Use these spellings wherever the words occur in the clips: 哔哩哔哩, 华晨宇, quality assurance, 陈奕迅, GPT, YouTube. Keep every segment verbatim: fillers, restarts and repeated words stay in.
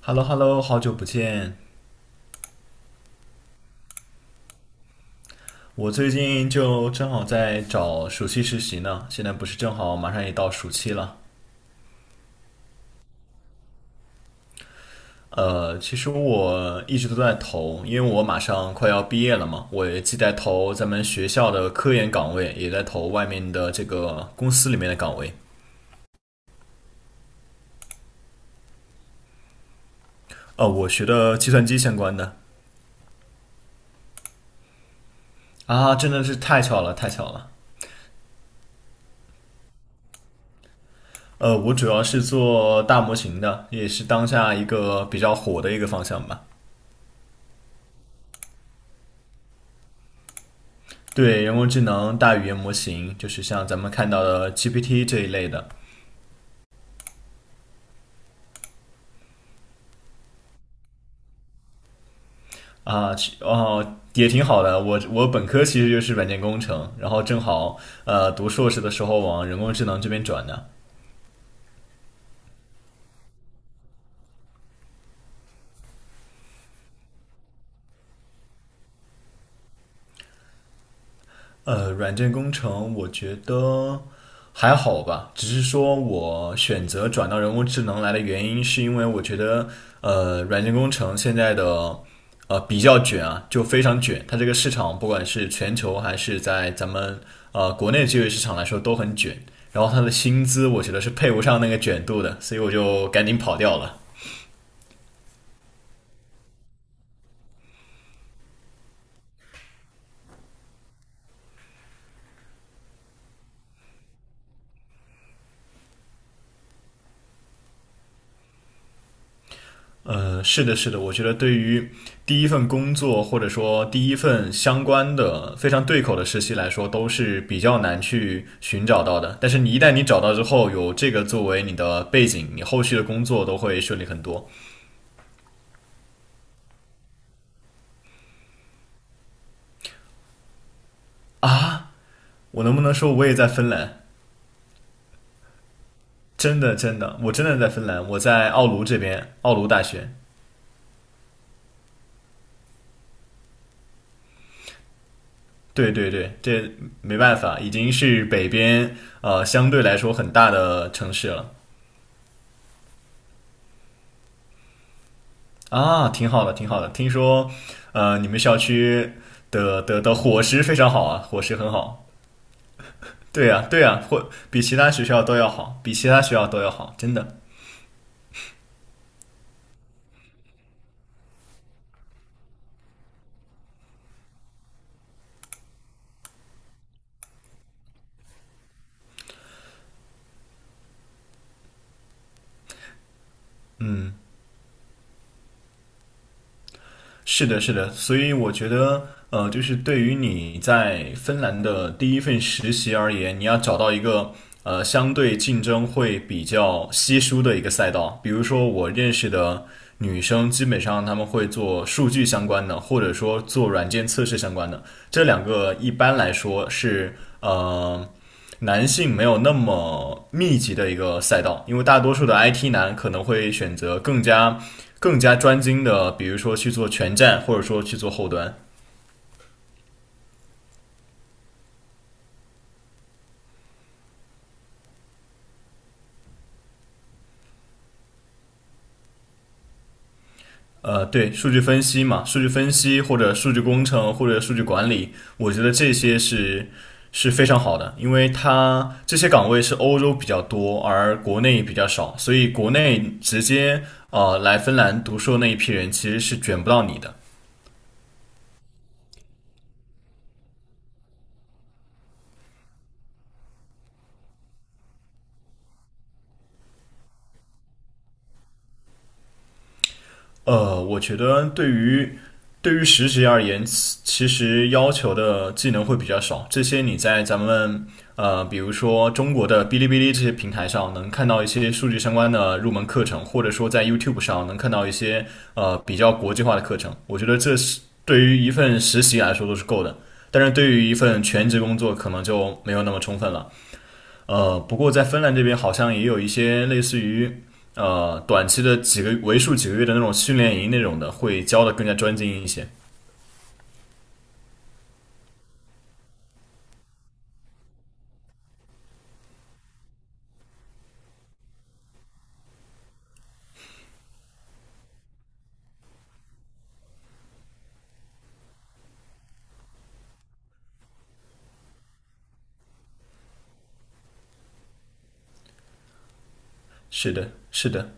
Hello Hello，好久不见！我最近就正好在找暑期实习呢，现在不是正好马上也到暑期了。呃，其实我一直都在投，因为我马上快要毕业了嘛，我也既在投咱们学校的科研岗位，也在投外面的这个公司里面的岗位。呃，我学的计算机相关的。啊，真的是太巧了，太巧了。呃，我主要是做大模型的，也是当下一个比较火的一个方向吧。对人工智能、大语言模型，就是像咱们看到的 G P T 这一类的。啊，其哦，也挺好的。我我本科其实就是软件工程，然后正好呃读硕士的时候往人工智能这边转的。呃，软件工程我觉得还好吧，只是说我选择转到人工智能来的原因，是因为我觉得呃，软件工程现在的呃比较卷啊，就非常卷，它这个市场不管是全球还是在咱们呃国内就业市场来说都很卷，然后它的薪资我觉得是配不上那个卷度的，所以我就赶紧跑掉了。呃，是的，是的，我觉得对于第一份工作或者说第一份相关的非常对口的实习来说，都是比较难去寻找到的。但是你一旦你找到之后，有这个作为你的背景，你后续的工作都会顺利很多。我能不能说我也在芬兰？真的，真的，我真的在芬兰，我在奥卢这边，奥卢大学。对对对，这没办法，已经是北边呃相对来说很大的城市了。啊，挺好的，挺好的。听说，呃，你们校区的的的伙食非常好啊，伙食很好。对呀，对呀，或比其他学校都要好，比其他学校都要好，真的。是的，是的，所以我觉得，呃，就是对于你在芬兰的第一份实习而言，你要找到一个呃相对竞争会比较稀疏的一个赛道。比如说，我认识的女生，基本上她们会做数据相关的，或者说做软件测试相关的。这两个一般来说是呃男性没有那么密集的一个赛道，因为大多数的 I T 男可能会选择更加更加专精的，比如说去做全站，或者说去做后端。呃，对，数据分析嘛，数据分析或者数据工程或者数据管理，我觉得这些是是非常好的，因为它这些岗位是欧洲比较多，而国内比较少，所以国内直接呃来芬兰读硕那一批人其实是卷不到你的。呃，我觉得对于对于实习而言，其其实要求的技能会比较少。这些你在咱们呃，比如说中国的哔哩哔哩这些平台上能看到一些数据相关的入门课程，或者说在 YouTube 上能看到一些呃比较国际化的课程。我觉得这是对于一份实习来说都是够的，但是对于一份全职工作可能就没有那么充分了。呃，不过在芬兰这边好像也有一些类似于呃短期的几个为数几个月的那种训练营那种的，会教的更加专精一些。是的，是的，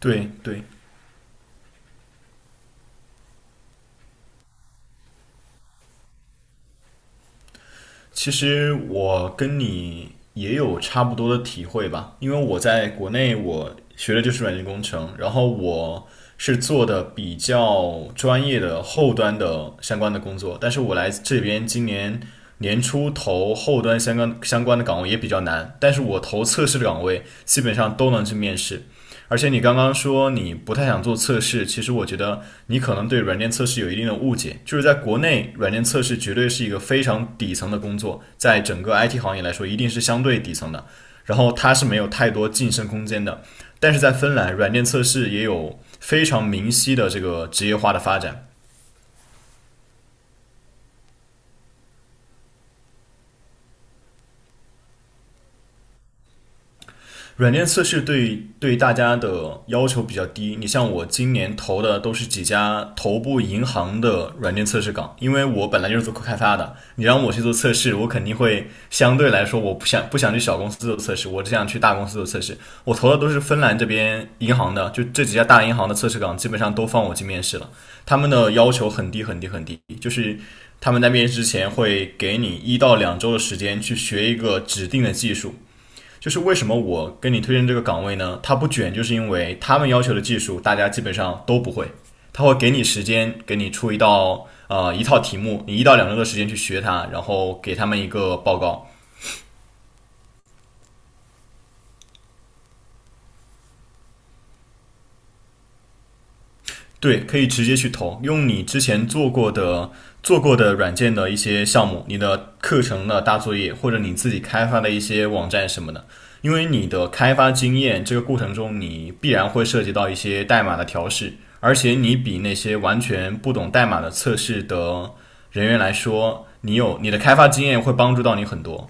对对。其实我跟你也有差不多的体会吧，因为我在国内我学的就是软件工程，然后我是做的比较专业的后端的相关的工作，但是我来这边今年年初投后端相关相关的岗位也比较难，但是我投测试的岗位基本上都能去面试，而且你刚刚说你不太想做测试，其实我觉得你可能对软件测试有一定的误解，就是在国内，软件测试绝对是一个非常底层的工作，在整个 I T 行业来说，一定是相对底层的，然后它是没有太多晋升空间的。但是在芬兰，软件测试也有非常明晰的这个职业化的发展。软件测试对对大家的要求比较低。你像我今年投的都是几家头部银行的软件测试岗，因为我本来就是做开发的，你让我去做测试，我肯定会相对来说我不想不想去小公司做测试，我只想去大公司做测试。我投的都是芬兰这边银行的，就这几家大银行的测试岗基本上都放我去面试了，他们的要求很低很低很低，就是。他们在面试之前会给你一到两周的时间去学一个指定的技术，就是为什么我跟你推荐这个岗位呢？它不卷，就是因为他们要求的技术大家基本上都不会，他会给你时间，给你出一道呃一套题目，你一到两周的时间去学它，然后给他们一个报告。对，可以直接去投，用你之前做过的做过的软件的一些项目，你的课程的大作业，或者你自己开发的一些网站什么的。因为你的开发经验，这个过程中你必然会涉及到一些代码的调试，而且你比那些完全不懂代码的测试的人员来说，你有你的开发经验会帮助到你很多。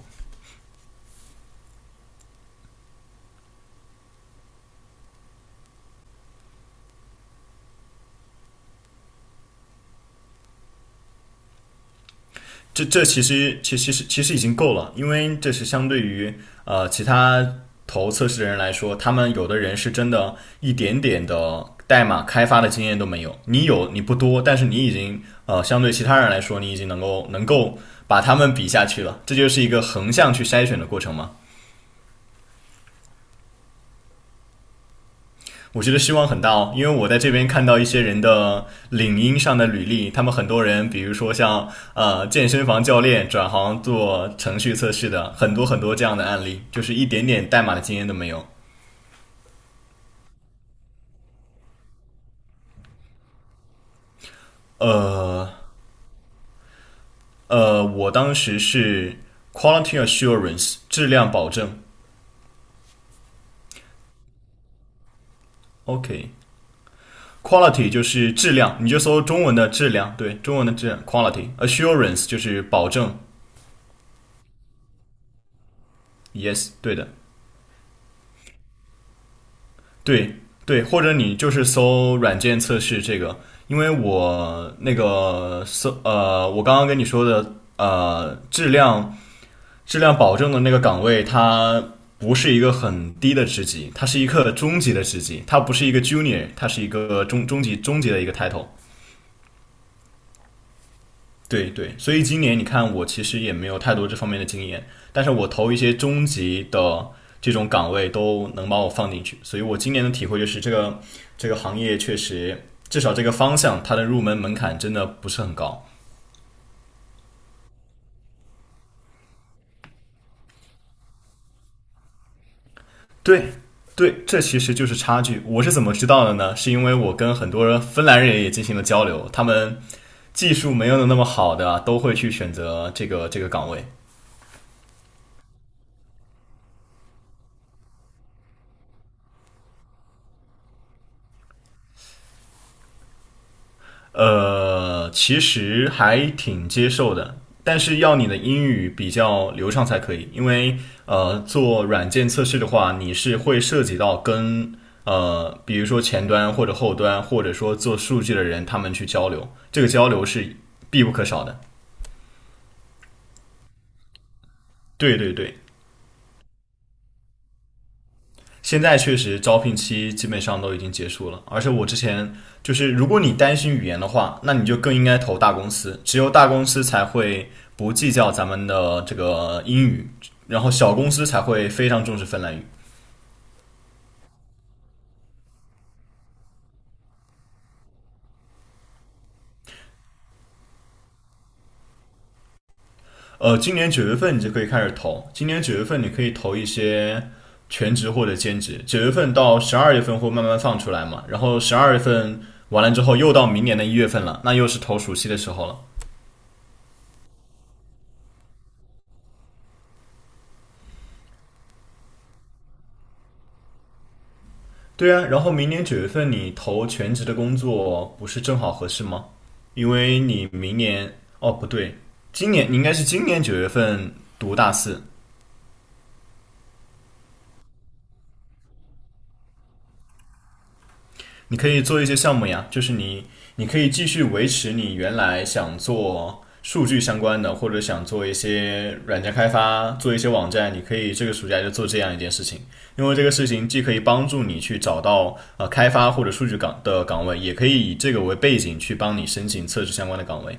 这这其实其其实其实已经够了，因为这是相对于呃其他投测试的人来说，他们有的人是真的一点点的代码开发的经验都没有，你有你不多，但是你已经呃相对其他人来说，你已经能够能够把他们比下去了，这就是一个横向去筛选的过程嘛。我觉得希望很大哦，因为我在这边看到一些人的领英上的履历，他们很多人，比如说像呃健身房教练转行做程序测试的，很多很多这样的案例，就是一点点代码的经验都没有。呃呃，我当时是 quality assurance 质量保证，OK。Quality 就是质量，你就搜中文的质量，对，中文的质量 quality。Assurance 就是保证，yes,对的。对对，或者你就是搜软件测试这个，因为我那个搜呃，我刚刚跟你说的呃，质量质量保证的那个岗位，它不是一个很低的职级，它是一个中级的职级，它不是一个 junior,它是一个中中级中级的一个 title。对对，所以今年你看，我其实也没有太多这方面的经验，但是我投一些中级的这种岗位都能把我放进去，所以我今年的体会就是这个这个行业确实，至少这个方向它的入门门槛真的不是很高。对对，这其实就是差距。我是怎么知道的呢？是因为我跟很多人芬兰人也进行了交流，他们技术没有那么好的都会去选择这个这个岗位。呃，其实还挺接受的，但是要你的英语比较流畅才可以，因为呃，做软件测试的话，你是会涉及到跟呃，比如说前端或者后端，或者说做数据的人他们去交流，这个交流是必不可少的。对对对，现在确实招聘期基本上都已经结束了，而且我之前就是，如果你担心语言的话，那你就更应该投大公司，只有大公司才会不计较咱们的这个英语，然后小公司才会非常重视芬兰语。呃，今年九月份你就可以开始投，今年九月份你可以投一些全职或者兼职，九月份到十二月份会慢慢放出来嘛，然后十二月份完了之后又到明年的一月份了，那又是投暑期的时候了。对啊，然后明年九月份你投全职的工作不是正好合适吗？因为你明年哦不对，今年你应该是今年九月份读大四，你可以做一些项目呀，就是你你可以继续维持你原来想做数据相关的，或者想做一些软件开发，做一些网站，你可以这个暑假就做这样一件事情，因为这个事情既可以帮助你去找到呃开发或者数据岗的岗位，也可以以这个为背景去帮你申请测试相关的岗位。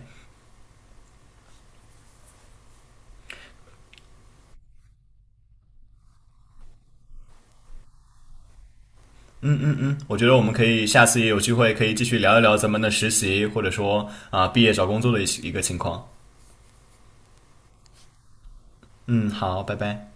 我觉得我们可以下次也有机会可以继续聊一聊咱们的实习，或者说啊、呃毕业找工作的一一个情况。嗯，好，拜拜。